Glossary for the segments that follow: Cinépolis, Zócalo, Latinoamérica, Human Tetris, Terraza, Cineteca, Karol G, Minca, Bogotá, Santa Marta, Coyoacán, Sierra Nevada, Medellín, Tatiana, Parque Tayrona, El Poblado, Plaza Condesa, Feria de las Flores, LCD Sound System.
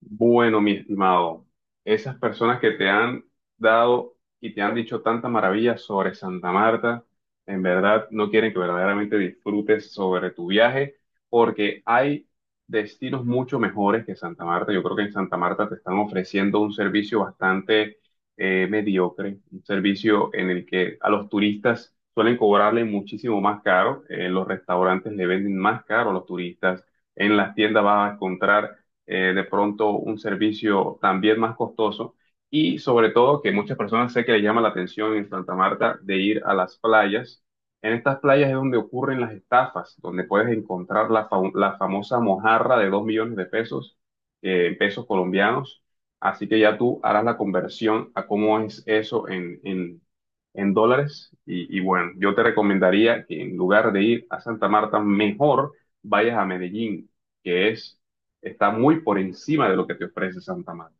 Bueno, mi estimado, esas personas que te han dado y te han dicho tantas maravillas sobre Santa Marta, en verdad no quieren que verdaderamente disfrutes sobre tu viaje, porque hay destinos mucho mejores que Santa Marta. Yo creo que en Santa Marta te están ofreciendo un servicio bastante mediocre, un servicio en el que a los turistas suelen cobrarle muchísimo más caro, en los restaurantes le venden más caro a los turistas, en las tiendas vas a encontrar de pronto un servicio también más costoso y sobre todo que muchas personas sé que les llama la atención en Santa Marta de ir a las playas. En estas playas es donde ocurren las estafas, donde puedes encontrar la famosa mojarra de 2 millones de pesos, en pesos colombianos. Así que ya tú harás la conversión a cómo es eso en dólares. Y bueno, yo te recomendaría que en lugar de ir a Santa Marta, mejor vayas a Medellín, que es está muy por encima de lo que te ofrece Santa Marta.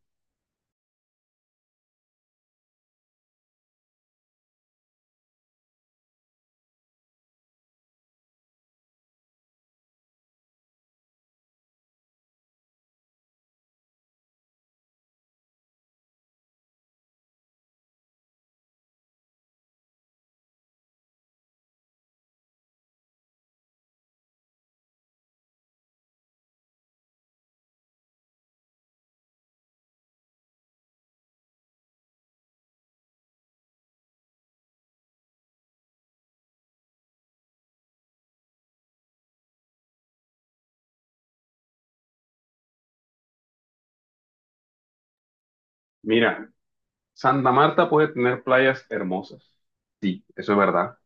Mira, Santa Marta puede tener playas hermosas. Sí, eso es verdad.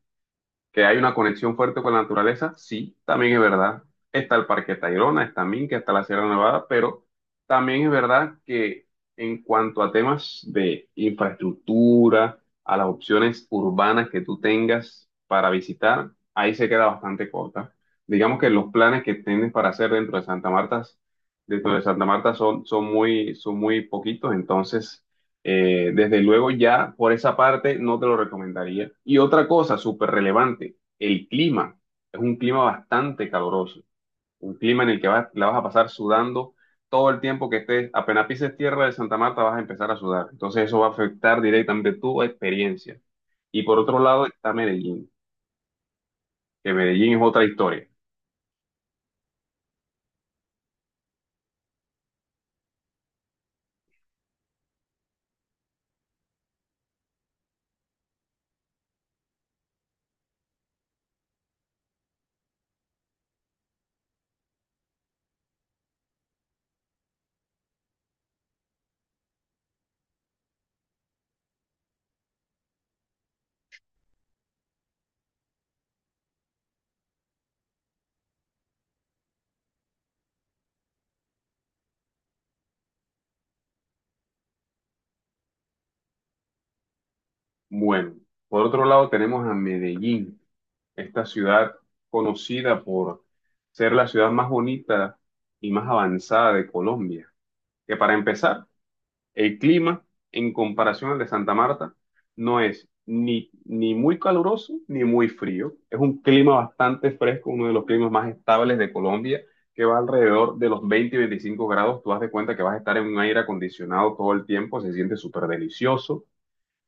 Que hay una conexión fuerte con la naturaleza, sí, también es verdad. Está el Parque Tayrona, está Minca, está la Sierra Nevada, pero también es verdad que en cuanto a temas de infraestructura, a las opciones urbanas que tú tengas para visitar, ahí se queda bastante corta. Digamos que los planes que tienes para hacer dentro de Santa Marta son muy poquitos, entonces desde luego ya por esa parte no te lo recomendaría. Y otra cosa súper relevante, el clima. Es un clima bastante caluroso. Un clima en el que vas, la vas a pasar sudando todo el tiempo que estés. Apenas pises tierra de Santa Marta vas a empezar a sudar. Entonces eso va a afectar directamente tu experiencia. Y por otro lado está Medellín, que Medellín es otra historia. Bueno, por otro lado tenemos a Medellín. Esta ciudad conocida por ser la ciudad más bonita y más avanzada de Colombia. Que para empezar, el clima en comparación al de Santa Marta no es ni muy caluroso ni muy frío. Es un clima bastante fresco, uno de los climas más estables de Colombia, que va alrededor de los 20 y 25 grados. Tú haz de cuenta que vas a estar en un aire acondicionado todo el tiempo, se siente súper delicioso.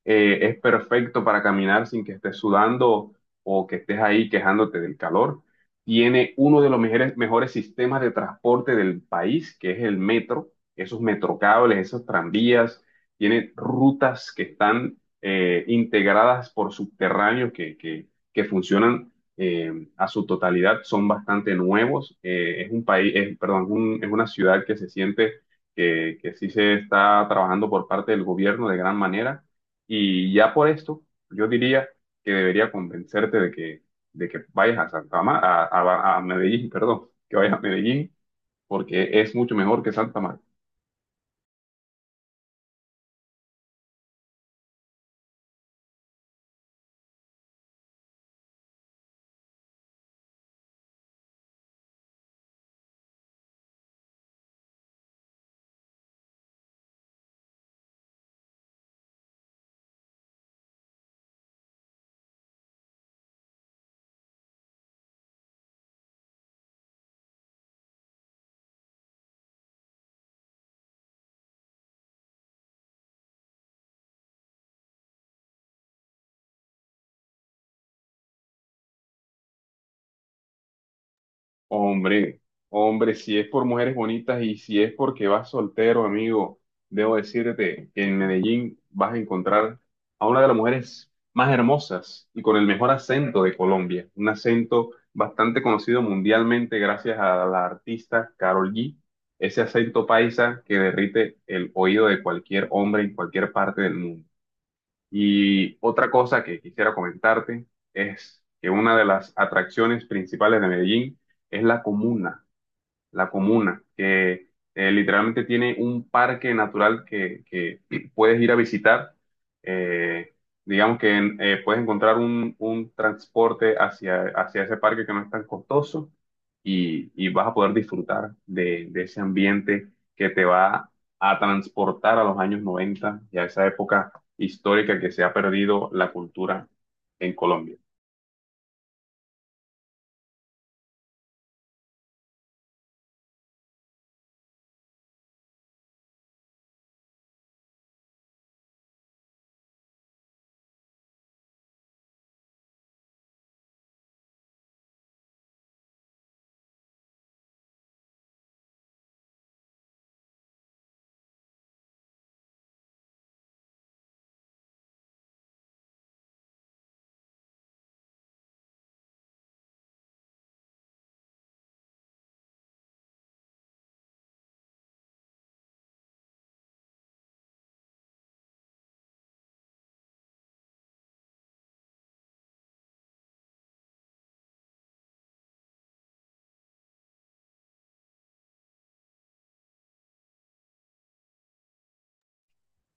Es perfecto para caminar sin que estés sudando o que estés ahí quejándote del calor. Tiene uno de los mejores, mejores sistemas de transporte del país, que es el metro, esos metrocables, esos tranvías. Tiene rutas que están integradas por subterráneos que funcionan a su totalidad, son bastante nuevos. Es un país, es, perdón, es una ciudad que se siente que sí se está trabajando por parte del gobierno de gran manera y ya por esto, yo diría que debería convencerte de que vayas a a Medellín, perdón, que vayas a Medellín, porque es mucho mejor que Santa Marta. Hombre, hombre, si es por mujeres bonitas y si es porque vas soltero, amigo, debo decirte que en Medellín vas a encontrar a una de las mujeres más hermosas y con el mejor acento de Colombia, un acento bastante conocido mundialmente gracias a la artista Karol G, ese acento paisa que derrite el oído de cualquier hombre en cualquier parte del mundo. Y otra cosa que quisiera comentarte es que una de las atracciones principales de Medellín es la comuna, que literalmente tiene un parque natural que puedes ir a visitar. Eh, digamos que puedes encontrar un transporte hacia ese parque que no es tan costoso y vas a poder disfrutar de ese ambiente que te va a transportar a los años 90 y a esa época histórica que se ha perdido la cultura en Colombia.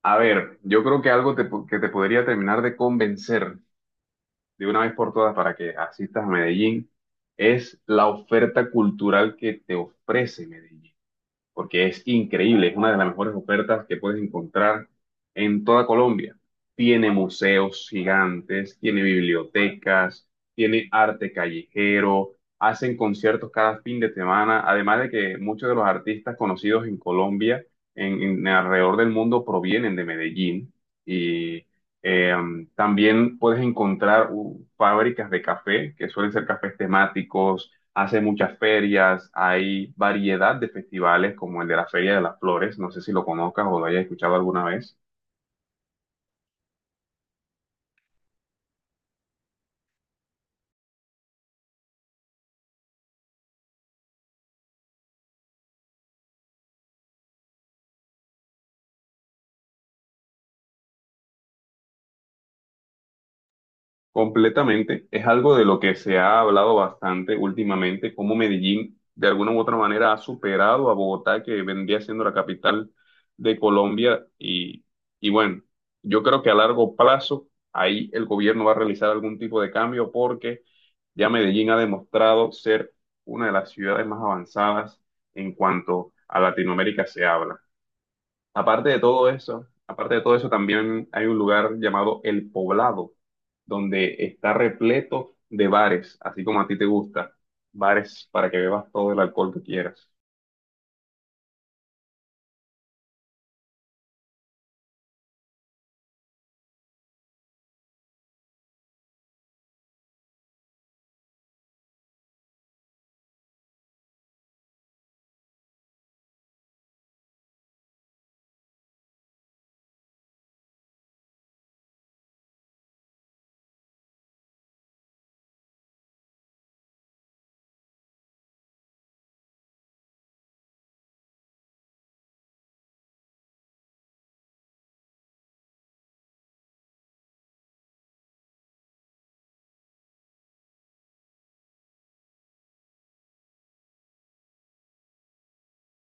A ver, yo creo que algo que te podría terminar de convencer de una vez por todas para que asistas a Medellín es la oferta cultural que te ofrece Medellín porque es increíble, es una de las mejores ofertas que puedes encontrar en toda Colombia. Tiene museos gigantes, tiene bibliotecas, tiene arte callejero, hacen conciertos cada fin de semana, además de que muchos de los artistas conocidos en Colombia, en alrededor del mundo, provienen de Medellín y eh, también puedes encontrar fábricas de café, que suelen ser cafés temáticos. Hace muchas ferias, hay variedad de festivales como el de la Feria de las Flores, no sé si lo conozcas o lo hayas escuchado alguna vez. Completamente, es algo de lo que se ha hablado bastante últimamente, cómo Medellín de alguna u otra manera ha superado a Bogotá, que vendría siendo la capital de Colombia. Y bueno, yo creo que a largo plazo ahí el gobierno va a realizar algún tipo de cambio porque ya Medellín ha demostrado ser una de las ciudades más avanzadas en cuanto a Latinoamérica se habla. Aparte de todo eso, aparte de todo eso, también hay un lugar llamado El Poblado, donde está repleto de bares, así como a ti te gusta, bares para que bebas todo el alcohol que quieras.